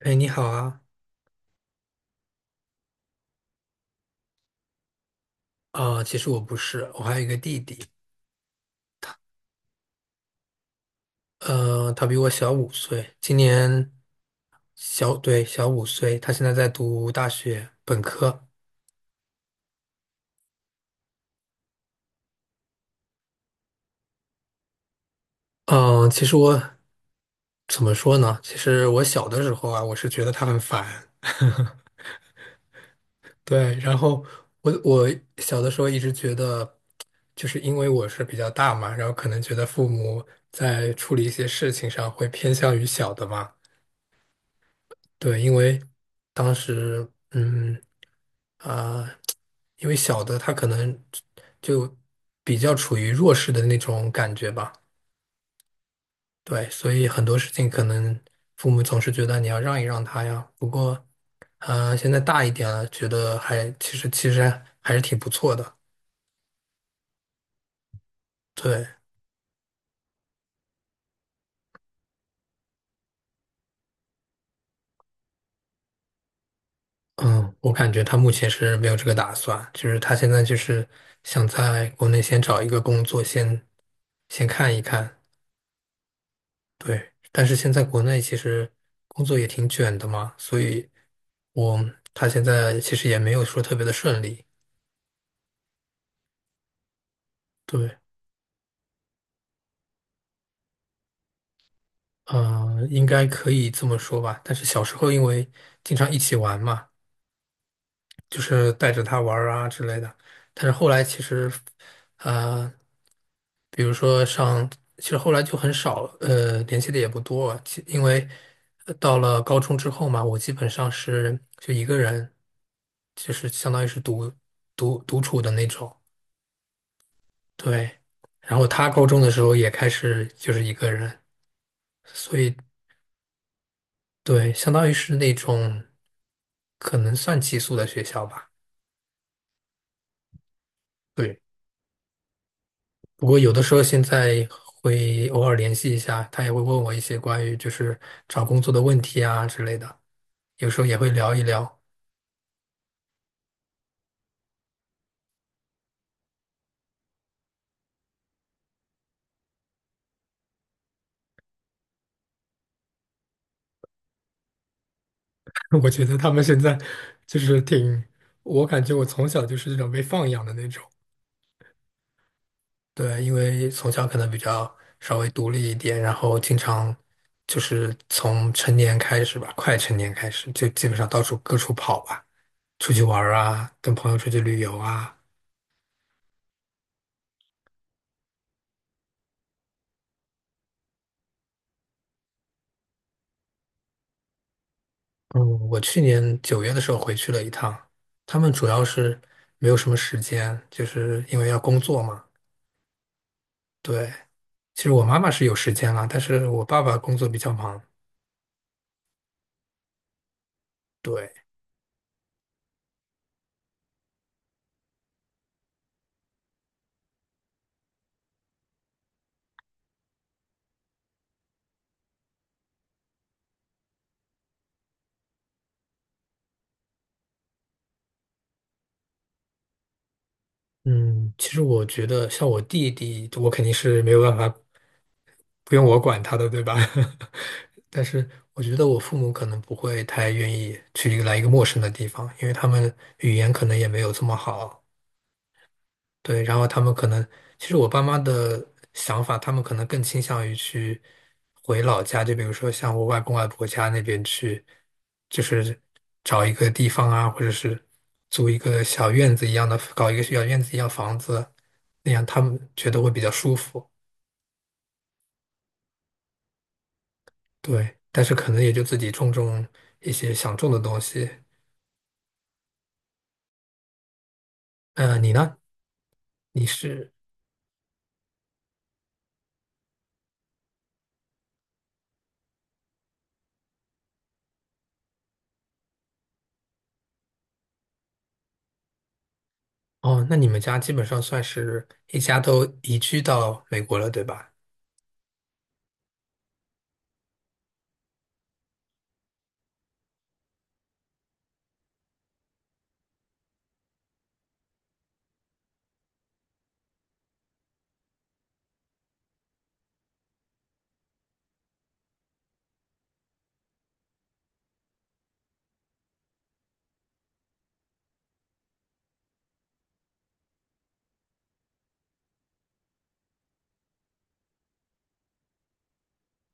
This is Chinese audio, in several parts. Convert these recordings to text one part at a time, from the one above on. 哎，你好啊！其实我不是，我还有一个弟弟。他比我小五岁。今年小，对，小五岁，他现在在读大学本科。嗯、其实我怎么说呢？其实我小的时候啊，我是觉得他很烦。对，然后我小的时候一直觉得，就是因为我是比较大嘛，然后可能觉得父母在处理一些事情上会偏向于小的嘛。对，因为当时，嗯，啊、因为小的他可能就比较处于弱势的那种感觉吧。对，所以很多事情可能父母总是觉得你要让一让他呀。不过，现在大一点了，觉得其实还是挺不错的。对，嗯，我感觉他目前是没有这个打算，就是他现在就是想在国内先找一个工作，先看一看。对，但是现在国内其实工作也挺卷的嘛，所以我他现在其实也没有说特别的顺利。对，嗯、应该可以这么说吧。但是小时候因为经常一起玩嘛，就是带着他玩儿啊之类的。但是后来其实，呃，比如说上，其实后来就很少，联系的也不多啊。因为到了高中之后嘛，我基本上是就一个人，就是相当于是独处的那种。对。然后他高中的时候也开始就是一个人，所以对，相当于是那种可能算寄宿的学校吧。对。不过有的时候现在会偶尔联系一下，他也会问我一些关于就是找工作的问题啊之类的，有时候也会聊一聊。我觉得他们现在就是挺，我感觉我从小就是这种被放养的那种。对，因为从小可能比较稍微独立一点，然后经常就是从成年开始吧，快成年开始就基本上到处各处跑吧，出去玩儿啊，跟朋友出去旅游啊。嗯，我去年九月的时候回去了一趟，他们主要是没有什么时间，就是因为要工作嘛。对，其实我妈妈是有时间啦，但是我爸爸工作比较忙。对，嗯，其实我觉得像我弟弟，我肯定是没有办法，不用我管他的，对吧？但是我觉得我父母可能不会太愿意去一个来一个陌生的地方，因为他们语言可能也没有这么好。对，然后他们可能，其实我爸妈的想法，他们可能更倾向于去回老家，就比如说像我外公外婆家那边去，就是找一个地方啊，或者是租一个小院子一样的，搞一个小院子一样房子，那样他们觉得会比较舒服。对，但是可能也就自己种种一些想种的东西。你呢？你是，哦，那你们家基本上算是一家都移居到美国了，对吧？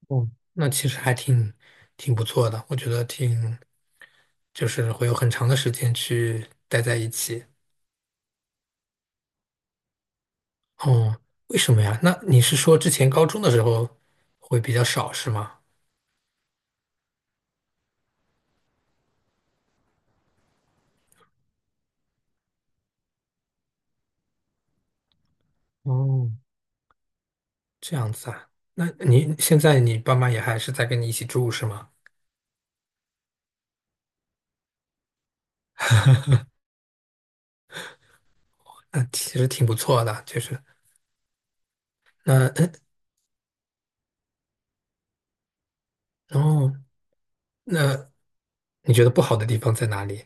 哦，那其实还挺不错的，我觉得就是会有很长的时间去待在一起。哦，为什么呀？那你是说之前高中的时候会比较少是吗？哦，这样子啊。那你现在你爸妈也还是在跟你一起住是吗？那其实挺不错的。就是那嗯，哦，那你觉得不好的地方在哪里？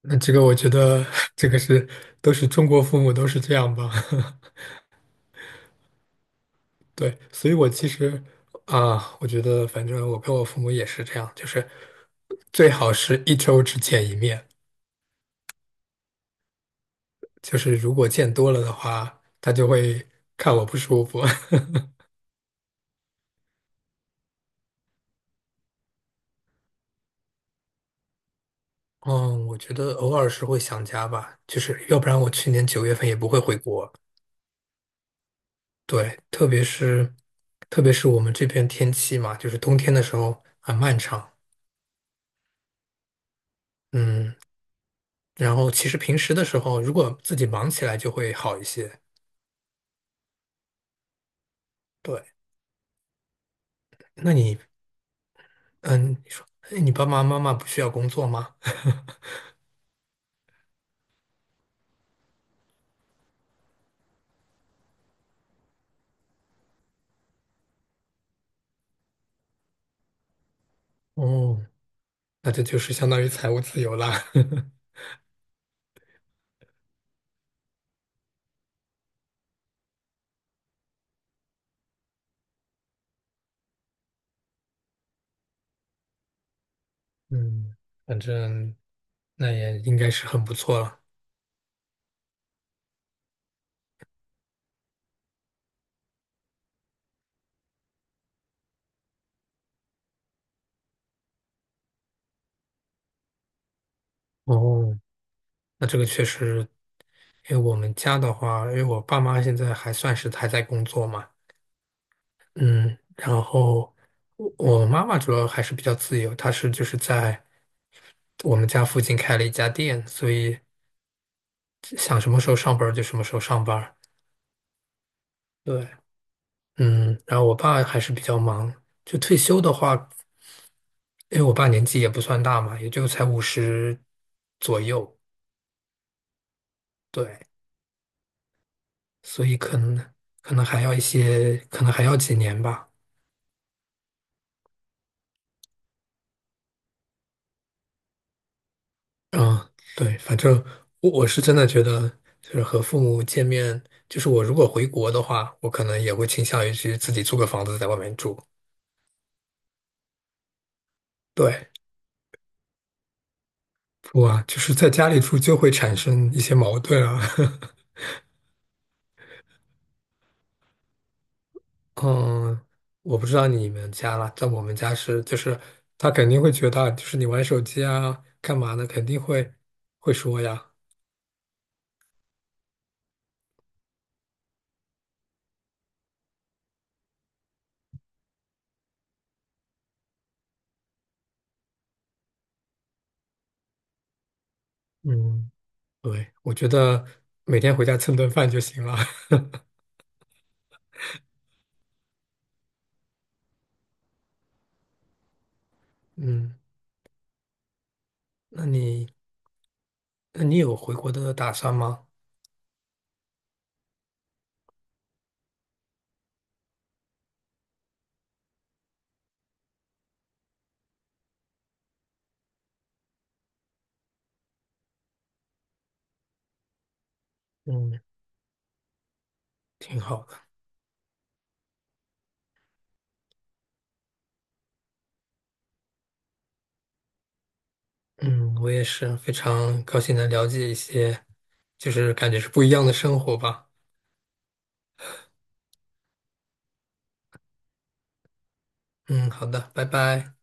那这个我觉得 这个是都是中国父母都是这样吧。对，所以我其实啊，我觉得反正我跟我父母也是这样，就是最好是一周只见一面，就是如果见多了的话，他就会看我不舒服。嗯，我觉得偶尔是会想家吧，就是要不然我去年9月份也不会回国。对，特别是我们这边天气嘛，就是冬天的时候很漫长。嗯，然后其实平时的时候，如果自己忙起来就会好一些。对，那你？嗯，你说，哎，你爸爸妈妈不需要工作吗？哦，那这就是相当于财务自由啦。嗯，反正那也应该是很不错了。哦，那这个确实，因为我们家的话，因为我爸妈现在还算是还在工作嘛。嗯，然后我妈妈主要还是比较自由，她就是在我们家附近开了一家店，所以想什么时候上班儿就什么时候上班儿。对。嗯，然后我爸还是比较忙，就退休的话，因为我爸年纪也不算大嘛，也就才50左右。对，所以可能还要一些，可能还要几年吧。嗯，对，反正我是真的觉得，就是和父母见面，就是我如果回国的话，我可能也会倾向于去自己租个房子在外面住。对，不啊，就是在家里住就会产生一些矛盾啊。嗯，我不知道你们家啦，在我们家是，就是他肯定会觉得，就是你玩手机啊，干嘛呢？肯定会说呀。嗯，对，我觉得每天回家蹭顿饭就行了。嗯，那你那你有回国的打算吗？嗯，挺好的。嗯，我也是非常高兴能了解一些，就是感觉是不一样的生活吧。嗯，好的，拜拜。